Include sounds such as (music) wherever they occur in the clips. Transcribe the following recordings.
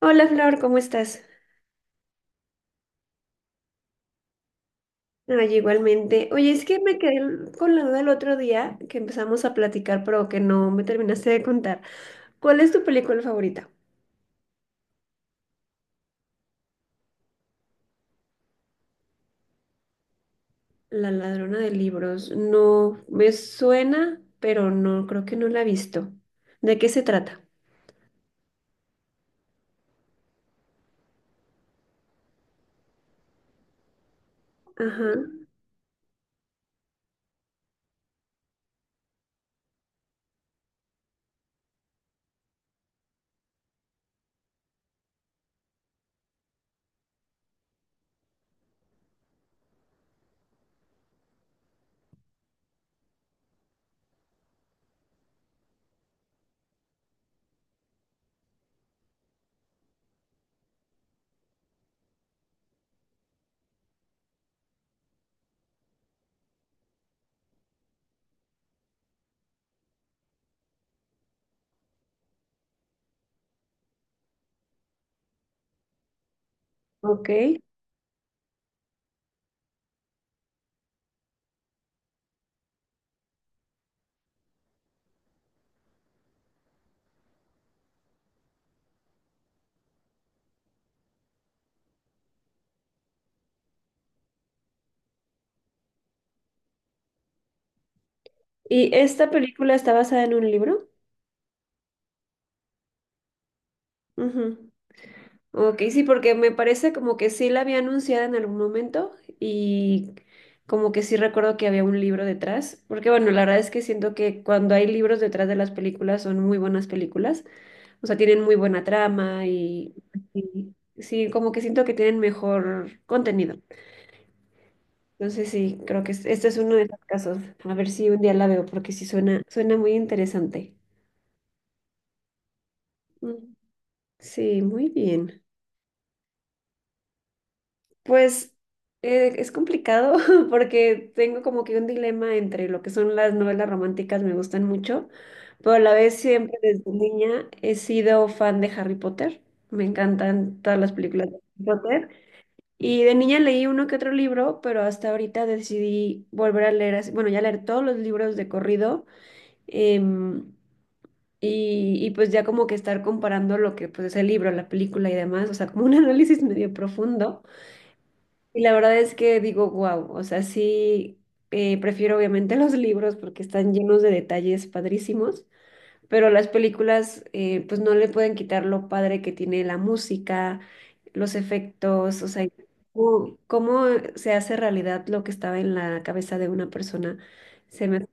Hola Flor, ¿cómo estás? Ay, igualmente. Oye, es que me quedé con la duda el otro día que empezamos a platicar, pero que no me terminaste de contar. ¿Cuál es tu película favorita? La ladrona de libros. No, me suena, pero no, creo que no la he visto. ¿De qué se trata? Ajá, ok. ¿Y esta película está basada en un libro? Ujú. Ok, sí, porque me parece como que sí la había anunciado en algún momento y como que sí recuerdo que había un libro detrás, porque bueno, la verdad es que siento que cuando hay libros detrás de las películas son muy buenas películas, o sea, tienen muy buena trama y sí, como que siento que tienen mejor contenido. Entonces sí, creo que este es uno de los casos. A ver si un día la veo, porque sí suena, suena muy interesante. Mm. Sí, muy bien. Pues es complicado (laughs) porque tengo como que un dilema entre lo que son las novelas románticas, me gustan mucho, pero a la vez siempre desde niña he sido fan de Harry Potter, me encantan todas las películas de Harry Potter y de niña leí uno que otro libro, pero hasta ahorita decidí volver a leer, bueno, ya leer todos los libros de corrido em, y pues ya como que estar comparando lo que pues es el libro, la película y demás, o sea, como un (laughs) análisis medio profundo. Y la verdad es que digo, wow, o sea, sí, prefiero obviamente (laughs) los libros porque están llenos de detalles padrísimos, pero las películas pues no le pueden quitar lo padre que tiene la música, los efectos, o sea, cómo se hace realidad lo que estaba en la cabeza de una persona, se me hace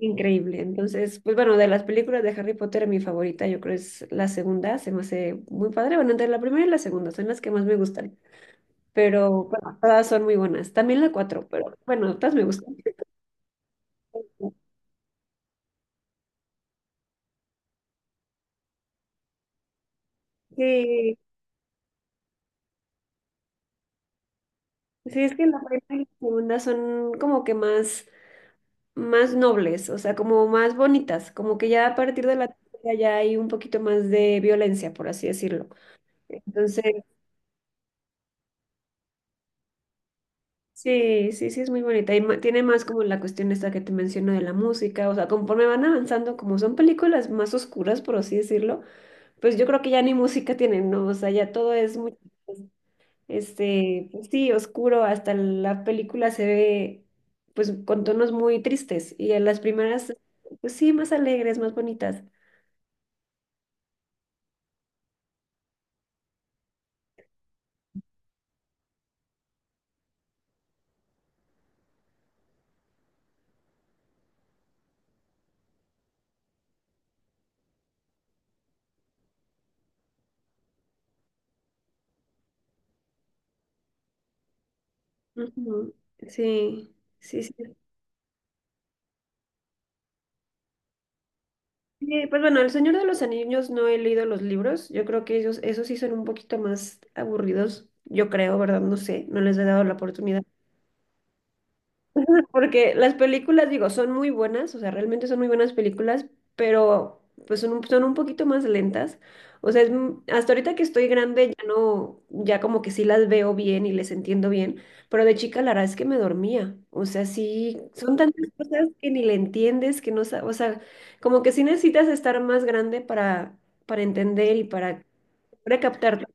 increíble. Entonces, pues bueno, de las películas de Harry Potter, mi favorita yo creo es la segunda, se me hace muy padre, bueno, entre la primera y la segunda son las que más me gustan, pero bueno, todas son muy buenas. También la cuatro, pero bueno, todas me gustan. Sí, sí, es que la primera y la segunda son como que más, más nobles, o sea, como más bonitas, como que ya a partir de la tercera ya hay un poquito más de violencia, por así decirlo. Entonces, sí, sí, sí, es muy bonita. Y tiene más como la cuestión esta que te menciono de la música, o sea, conforme van avanzando, como son películas más oscuras, por así decirlo, pues yo creo que ya ni música tienen, ¿no? O sea, ya todo es muy... este, pues sí, oscuro, hasta la película se ve pues con tonos muy tristes y en las primeras, pues sí, más alegres, más bonitas. Ujú. Sí, sí, sí. Sí, pues bueno, El Señor de los Anillos no he leído los libros, yo creo que ellos, esos sí son un poquito más aburridos, yo creo, ¿verdad? No sé, no les he dado la oportunidad. Porque las películas, digo, son muy buenas, o sea, realmente son muy buenas películas, pero pues son un poquito más lentas. O sea, hasta ahorita que estoy grande ya no, ya como que sí las veo bien y les entiendo bien, pero de chica la verdad es que me dormía. O sea, sí, son tantas cosas que ni le entiendes, que no, o sea, como que sí necesitas estar más grande para entender y para captar.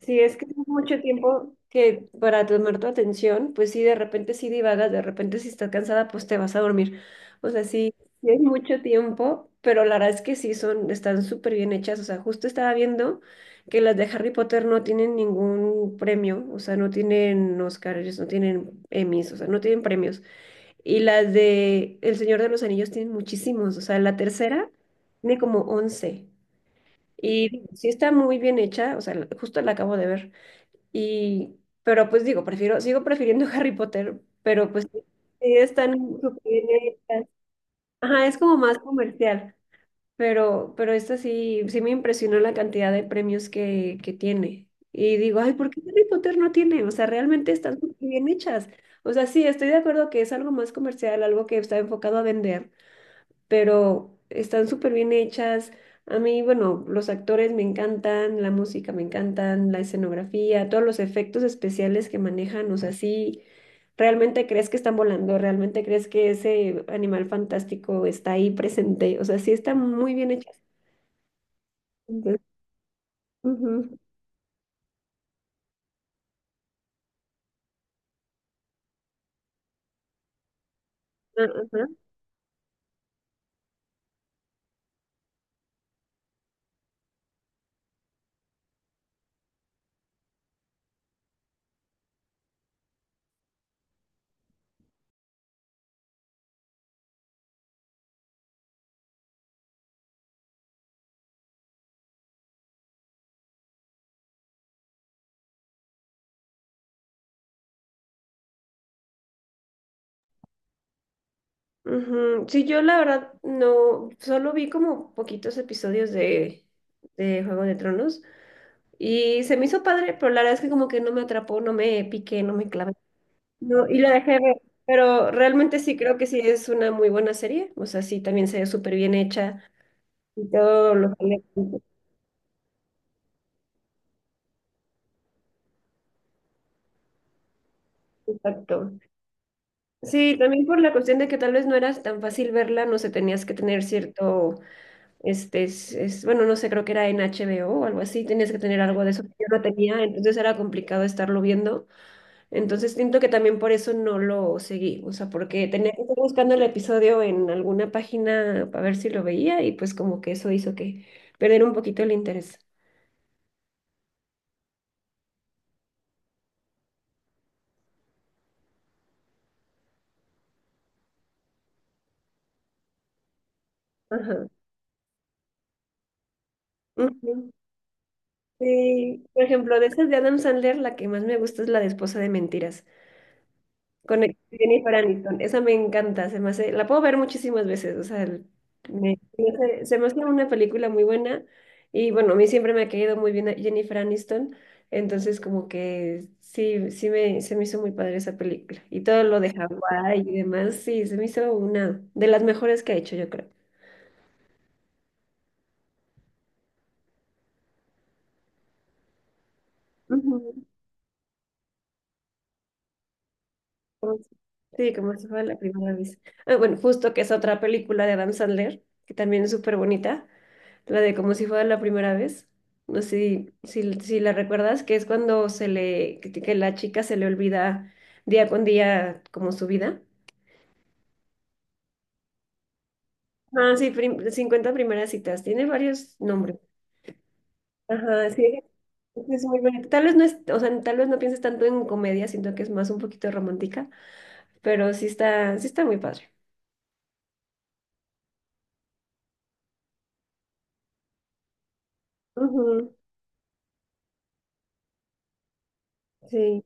Sí, es que es mucho tiempo que para tomar tu atención, pues sí, de repente sí divagas, de repente si estás cansada, pues te vas a dormir. O sea, sí, sí es mucho tiempo, pero la verdad es que sí son, están súper bien hechas. O sea, justo estaba viendo que las de Harry Potter no tienen ningún premio, o sea, no tienen Oscars, no tienen Emmys, o sea, no tienen premios. Y las de El Señor de los Anillos tienen muchísimos, o sea, la tercera tiene como once. Y sí está muy bien hecha, o sea, justo la acabo de ver. Y, pero pues digo, prefiero, sigo prefiriendo (laughs) Harry Potter, pero pues sí, sí están súper bien hechas. Ajá, es como más comercial, pero esta sí, sí me impresionó la cantidad de premios que tiene. Y digo, ay, ¿por qué Harry Potter no tiene? O sea, realmente están súper bien hechas. O sea, sí, estoy de acuerdo que es algo más comercial, algo que está enfocado a vender, pero están súper bien hechas. A mí, bueno, los actores me encantan, la música me encantan, la escenografía, todos los efectos especiales que manejan, o sea, sí, realmente crees que están volando, realmente crees que ese animal fantástico está ahí presente, o sea, sí están muy bien hechas. Entonces, ujú. Ajá, ujú. Sí, yo la verdad no, solo vi como poquitos episodios de Juego de Tronos. Y se me hizo padre, pero la verdad es que como que no me atrapó, no me piqué, no me clavé. No, y la dejé ver. Pero realmente sí creo que sí es una muy buena serie. O sea, sí, también se ve súper bien hecha y todo lo que le... Exacto. Sí, también por la cuestión de que tal vez no era tan fácil verla, no sé, tenías que tener cierto, este, bueno, no sé, creo que era en HBO o algo así, tenías que tener algo de eso que yo no tenía, entonces era complicado estarlo viendo. Entonces siento que también por eso no lo seguí, o sea, porque tenía que estar buscando el episodio en alguna página para ver si lo veía y pues como que eso hizo que perder un poquito el interés. Ajá. Ujú. Sí, por ejemplo, de esas de Adam Sandler, la que más me gusta es la de Esposa de Mentiras. Con Jennifer Aniston. Esa me encanta, se me hace, la puedo ver muchísimas veces, o sea, se me hace una película muy buena, y bueno, a mí siempre me ha caído muy bien a Jennifer Aniston, entonces como que sí, se me hizo muy padre esa película y todo lo de Hawái y demás, sí, se me hizo una de las mejores que ha hecho, yo creo. Ujú. Como si- Sí, como si fuera la primera vez. Ah, bueno, justo que es otra película de Adam Sandler, que también es súper bonita. La de como si fuera la primera vez. No sé si la recuerdas, que es cuando se le, que la chica se le olvida día con día como su vida. Ah, sí, 50 primeras citas. Tiene varios nombres. Ajá, sí, es muy bonito. Tal vez no es, o sea, tal vez no pienses tanto en comedia, siento que es más un poquito romántica, pero sí está muy padre. Ujú, sí,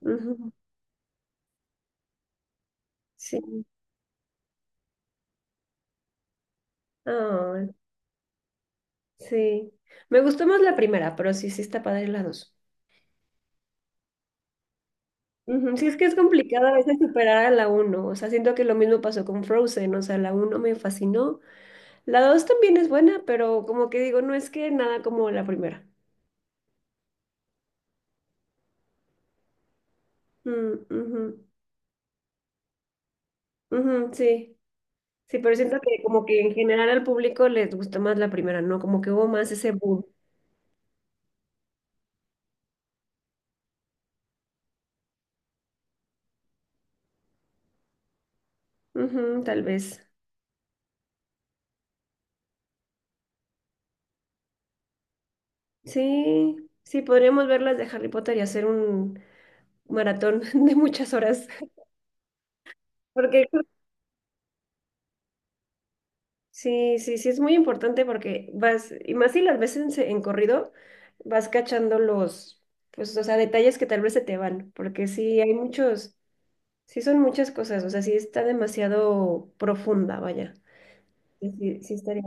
ujú, sí. Ah, sí. Me gustó más la primera, pero sí, sí está padre la dos. Ujú. Sí, es que es complicado a veces superar a la uno, o sea, siento que lo mismo pasó con Frozen, o sea, la uno me fascinó, la 2 también es buena, pero como que digo, no es que nada como la primera. Mm, ujú, ujú, sí, sí, pero siento que como que en general al público les gustó más la primera, ¿no? Como que hubo más ese boom. Ujú, tal vez. Sí, sí, podríamos ver las de Harry Potter y hacer un maratón (laughs) de muchas horas, porque sí, sí, sí, es muy importante porque vas, y más si las ves en, en corrido, vas cachando los, pues, o sea, detalles que tal vez se te van, porque sí hay muchos, sí son muchas cosas, o sea, sí está demasiado profunda, vaya. Sí, sí, sí estaría.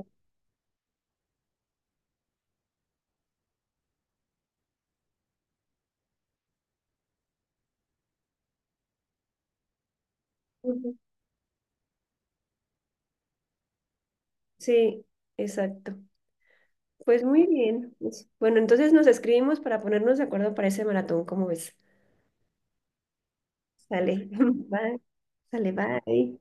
Ujú. Sí, exacto. Pues muy bien. Pues, bueno, entonces nos escribimos para ponernos de acuerdo para ese maratón, ¿cómo ves? Sale. (laughs) Bye. Sale, bye.